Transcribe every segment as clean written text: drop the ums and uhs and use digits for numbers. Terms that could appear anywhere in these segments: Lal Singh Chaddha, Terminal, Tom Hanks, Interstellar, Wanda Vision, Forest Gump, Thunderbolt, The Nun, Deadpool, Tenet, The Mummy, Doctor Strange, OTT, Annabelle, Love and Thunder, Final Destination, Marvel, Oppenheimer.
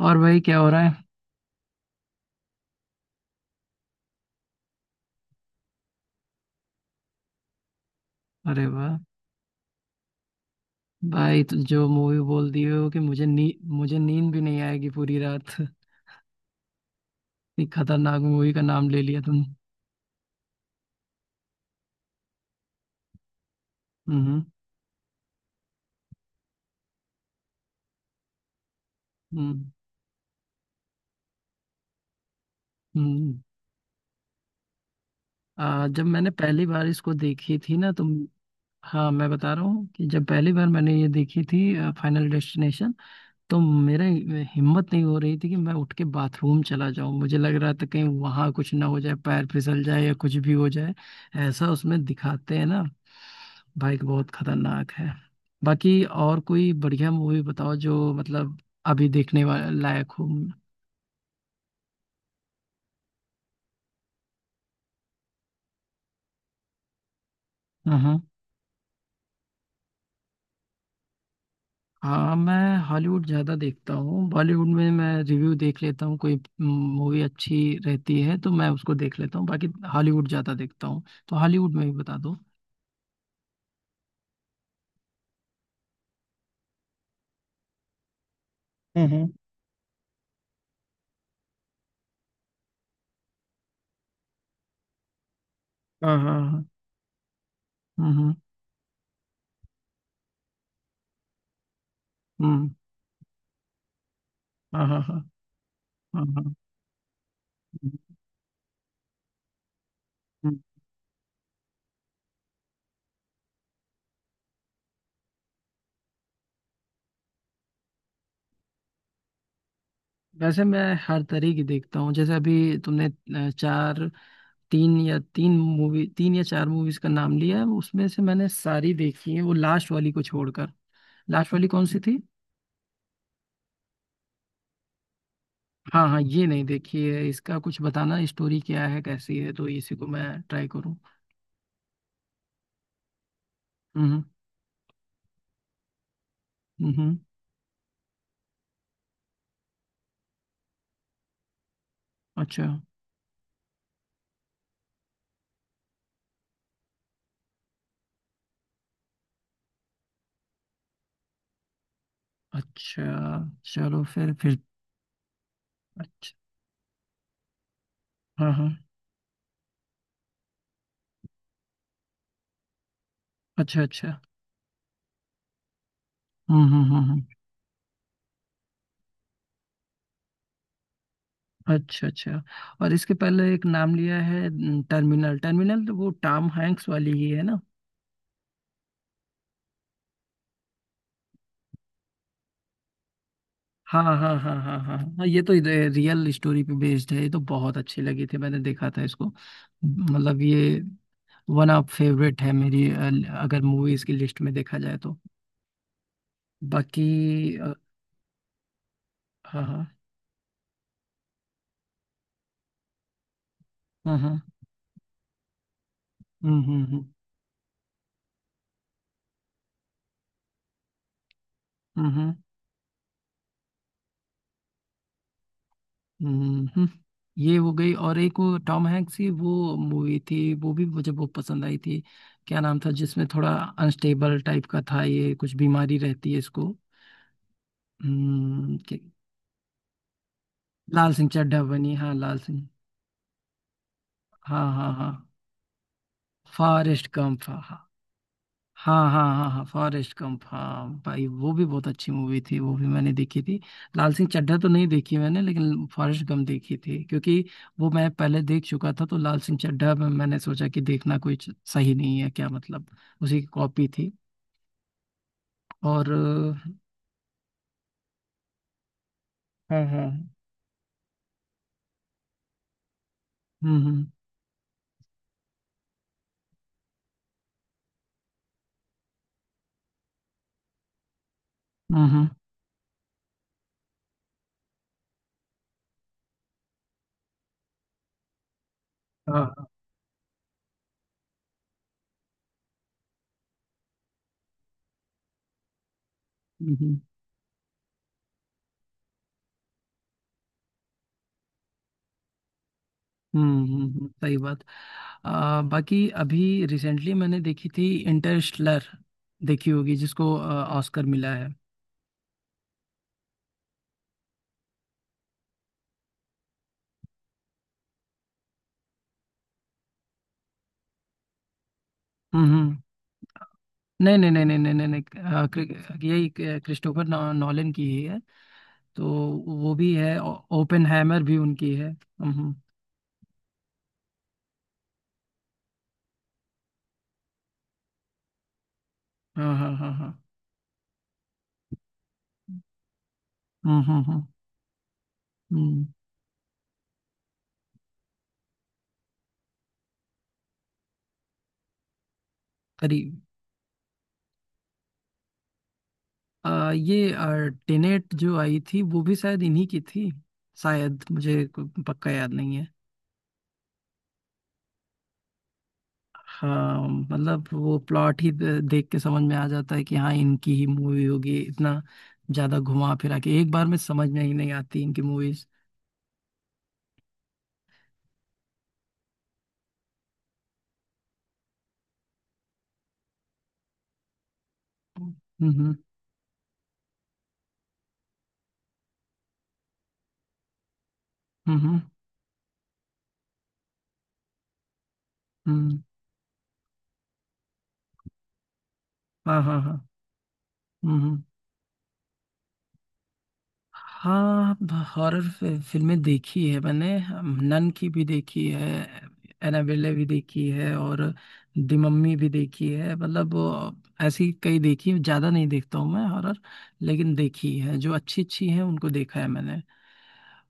और भाई क्या हो रहा है? अरे वाह। भाई तो जो मूवी बोल दिए हो कि मुझे नींद भी नहीं आएगी पूरी रात। इतनी खतरनाक मूवी का नाम ले लिया तुम। हम्म, हम्म, हम्म। जब मैंने पहली बार इसको देखी थी ना तुम। हाँ, मैं बता रहा हूँ कि जब पहली बार मैंने ये देखी थी, फाइनल डेस्टिनेशन, तो मेरा हिम्मत नहीं हो रही थी कि मैं उठ के बाथरूम चला जाऊं, मुझे लग रहा था कहीं वहां कुछ ना हो जाए, पैर फिसल जाए या कुछ भी हो जाए। ऐसा उसमें दिखाते हैं ना। बाइक बहुत खतरनाक है। बाकी और कोई बढ़िया मूवी बताओ जो मतलब अभी देखने लायक हो। हाँ, हाँ, मैं हॉलीवुड ज़्यादा देखता हूँ। बॉलीवुड में मैं रिव्यू देख लेता हूँ, कोई मूवी अच्छी रहती है तो मैं उसको देख लेता हूँ। बाकी हॉलीवुड ज़्यादा देखता हूँ, तो हॉलीवुड में भी बता दो। हम्म, हम्म, हाँ हाँ हाँ, हम्म, हम्म, हाँ हाँ हाँ हाँ हाँ, हम्म। वैसे मैं हर तरह की देखता हूँ। जैसे अभी तुमने चार तीन या तीन मूवी तीन या चार मूवीज का नाम लिया है, उसमें से मैंने सारी देखी है, वो लास्ट वाली को छोड़कर। लास्ट वाली कौन सी थी? हाँ, हाँ, ये नहीं देखी है, इसका कुछ बताना स्टोरी क्या है कैसी है, तो इसी को मैं ट्राई करूँ। हम्म, हम्म, अच्छा, अच्छा। चलो फिर। अच्छा। हाँ, हाँ। अच्छा, अच्छा। हम्म, हम्म, हम्म, अच्छा, अच्छा। और इसके पहले एक नाम लिया है, टर्मिनल। टर्मिनल तो वो टॉम हैंक्स वाली ही है ना? हाँ हाँ हाँ हाँ हाँ हाँ हाँ, ये तो रियल स्टोरी पे बेस्ड है, ये तो बहुत अच्छी लगी थी, मैंने देखा था इसको। मतलब ये वन ऑफ फेवरेट है मेरी, अगर मूवीज की लिस्ट में देखा जाए तो। बाकी अ, हाँ हाँ हाँ हाँ, हम्म, हम्म, हम्म, हम्म, हम्म। ये हो गई, और एक वो टॉम हैंक्स की वो मूवी थी, वो भी मुझे बहुत पसंद आई थी। क्या नाम था? जिसमें थोड़ा अनस्टेबल टाइप का था, ये कुछ बीमारी रहती है इसको। हम्म क्या- लाल सिंह चड्ढा बनी, हाँ, लाल सिंह। हाँ हाँ हाँ, फॉरेस्ट गंप, हाँ हाँ हाँ हाँ हाँ हाँ फॉरेस्ट गंप, हाँ भाई वो भी बहुत अच्छी मूवी थी, वो भी मैंने देखी थी। लाल सिंह चड्ढा तो नहीं देखी मैंने, लेकिन फॉरेस्ट गंप देखी थी, क्योंकि वो मैं पहले देख चुका था, तो लाल सिंह चड्ढा में मैंने सोचा कि देखना कोई सही नहीं है क्या, मतलब उसी की कॉपी थी। और हाँ हाँ, हम्म, हम्म, हम्म, हाँ हाँ, हम्म, हम्म। हम्म, सही बात। बाकी अभी रिसेंटली मैंने देखी थी इंटरस्टेलर, देखी होगी। जिसको ऑस्कर मिला है। हम्म, नहीं नहीं नहीं नहीं नहीं नहीं नहीं, यही क्रिस्टोफर नॉलन की ही है। तो वो भी है। ओपेनहाइमर भी उनकी है। हम्म, हाँ हाँ हाँ हाँ, हम्म, हम्म, हम्म, हम्म, करीब। ये टेनेट जो आई थी वो भी शायद इन्हीं की थी। शायद मुझे पक्का याद नहीं है। हाँ, मतलब वो प्लॉट ही देख के समझ में आ जाता है कि हाँ इनकी ही मूवी होगी, इतना ज्यादा घुमा फिरा के एक बार में समझ में ही नहीं आती इनकी मूवीज। हम्म, हम्म, हम्म, हम्म, हाँ हाँ हाँ, हम्म। हाँ, हॉरर फिल्में देखी है मैंने। हम, नन की भी देखी है, एनाबेले भी देखी है, और दी मम्मी भी देखी है। मतलब ऐसी कई देखी, ज़्यादा नहीं देखता हूँ मैं हॉरर, लेकिन देखी है। जो अच्छी अच्छी है उनको देखा है मैंने।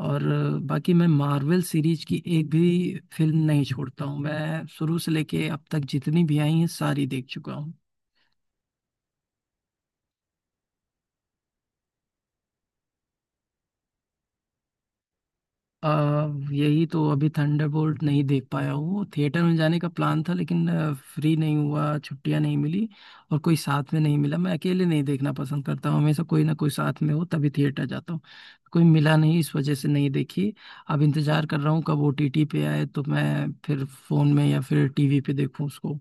और बाकी मैं मार्वल सीरीज की एक भी फिल्म नहीं छोड़ता हूँ, मैं शुरू से लेके अब तक जितनी भी आई हैं सारी देख चुका हूँ। अ, यही तो, अभी थंडरबोल्ट नहीं देख पाया हूँ। थिएटर में जाने का प्लान था, लेकिन फ्री नहीं हुआ, छुट्टियाँ नहीं मिली, और कोई साथ में नहीं मिला। मैं अकेले नहीं देखना पसंद करता हूँ, हमेशा कोई ना कोई साथ में हो तभी थिएटर जाता हूँ। कोई मिला नहीं, इस वजह से नहीं देखी। अब इंतजार कर रहा हूँ कब ओटीटी पे आए, तो मैं फिर फोन में या फिर टीवी पे देखूँ उसको।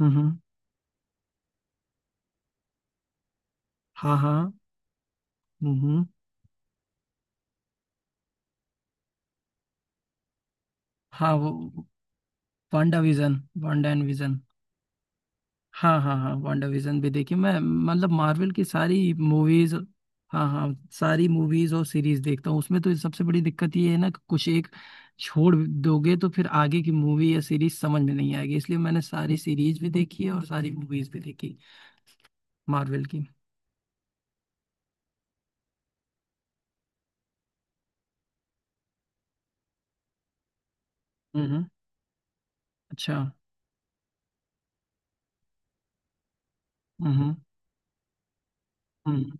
हम्म, हम्म, हाँ हाँ, हम्म, हाँ वो, Wanda Vision, Wanda and Vision. हाँ हाँ हाँ, वांडा विजन भी देखी मैं, मतलब मार्वल की सारी मूवीज। हाँ हाँ, सारी मूवीज और सीरीज देखता हूँ। उसमें तो सबसे बड़ी दिक्कत ये है ना, कि कुछ एक छोड़ दोगे तो फिर आगे की मूवी या सीरीज समझ में नहीं आएगी, इसलिए मैंने सारी सीरीज भी देखी है और सारी मूवीज भी देखी, मार्वल की। हम्म, अच्छा, हम्म, हम्म।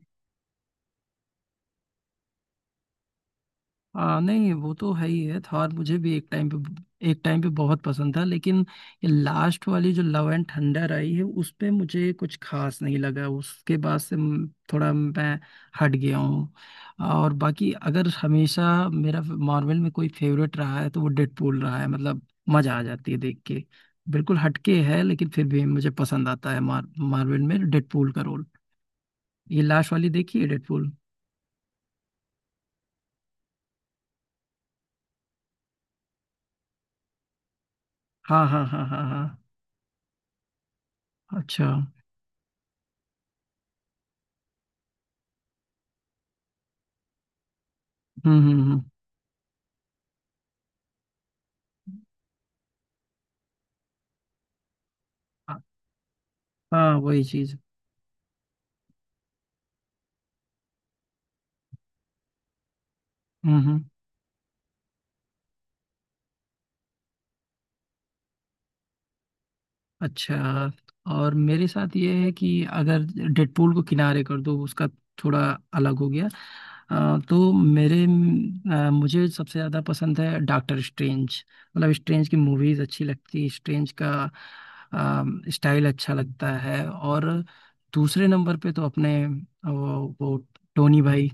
हाँ नहीं, वो तो है ही है, थॉर मुझे भी एक टाइम पे बहुत पसंद था, लेकिन ये लास्ट वाली जो लव एंड थंडर आई है उस पे मुझे कुछ खास नहीं लगा। उसके बाद से थोड़ा मैं हट गया हूँ। और बाकी अगर हमेशा मेरा मार्वल में कोई फेवरेट रहा है तो वो डेडपूल रहा है, मतलब मजा आ जाती है देख के। बिल्कुल हटके है, लेकिन फिर भी मुझे पसंद आता है मार्वल में डेडपूल का रोल। ये लास्ट वाली देखी है डेडपूल। हाँ हाँ हाँ हाँ हाँ, अच्छा, हम्म, हम्म, हम्म, हाँ वही चीज, हम्म, अच्छा। और मेरे साथ ये है कि अगर डेडपूल को किनारे कर दो, उसका थोड़ा अलग हो गया। तो मेरे मुझे सबसे ज्यादा पसंद है डॉक्टर स्ट्रेंज। मतलब स्ट्रेंज की मूवीज अच्छी लगती है, स्ट्रेंज का स्टाइल अच्छा लगता है। और दूसरे नंबर पे तो अपने वो टोनी भाई,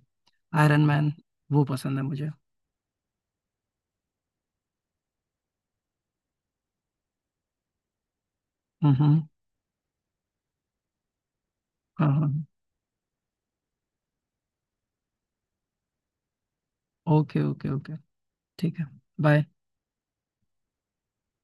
आयरन मैन, वो पसंद है मुझे। हम्म, हम्म, हाँ, हाँ, ओके ओके ओके, ठीक है, बाय।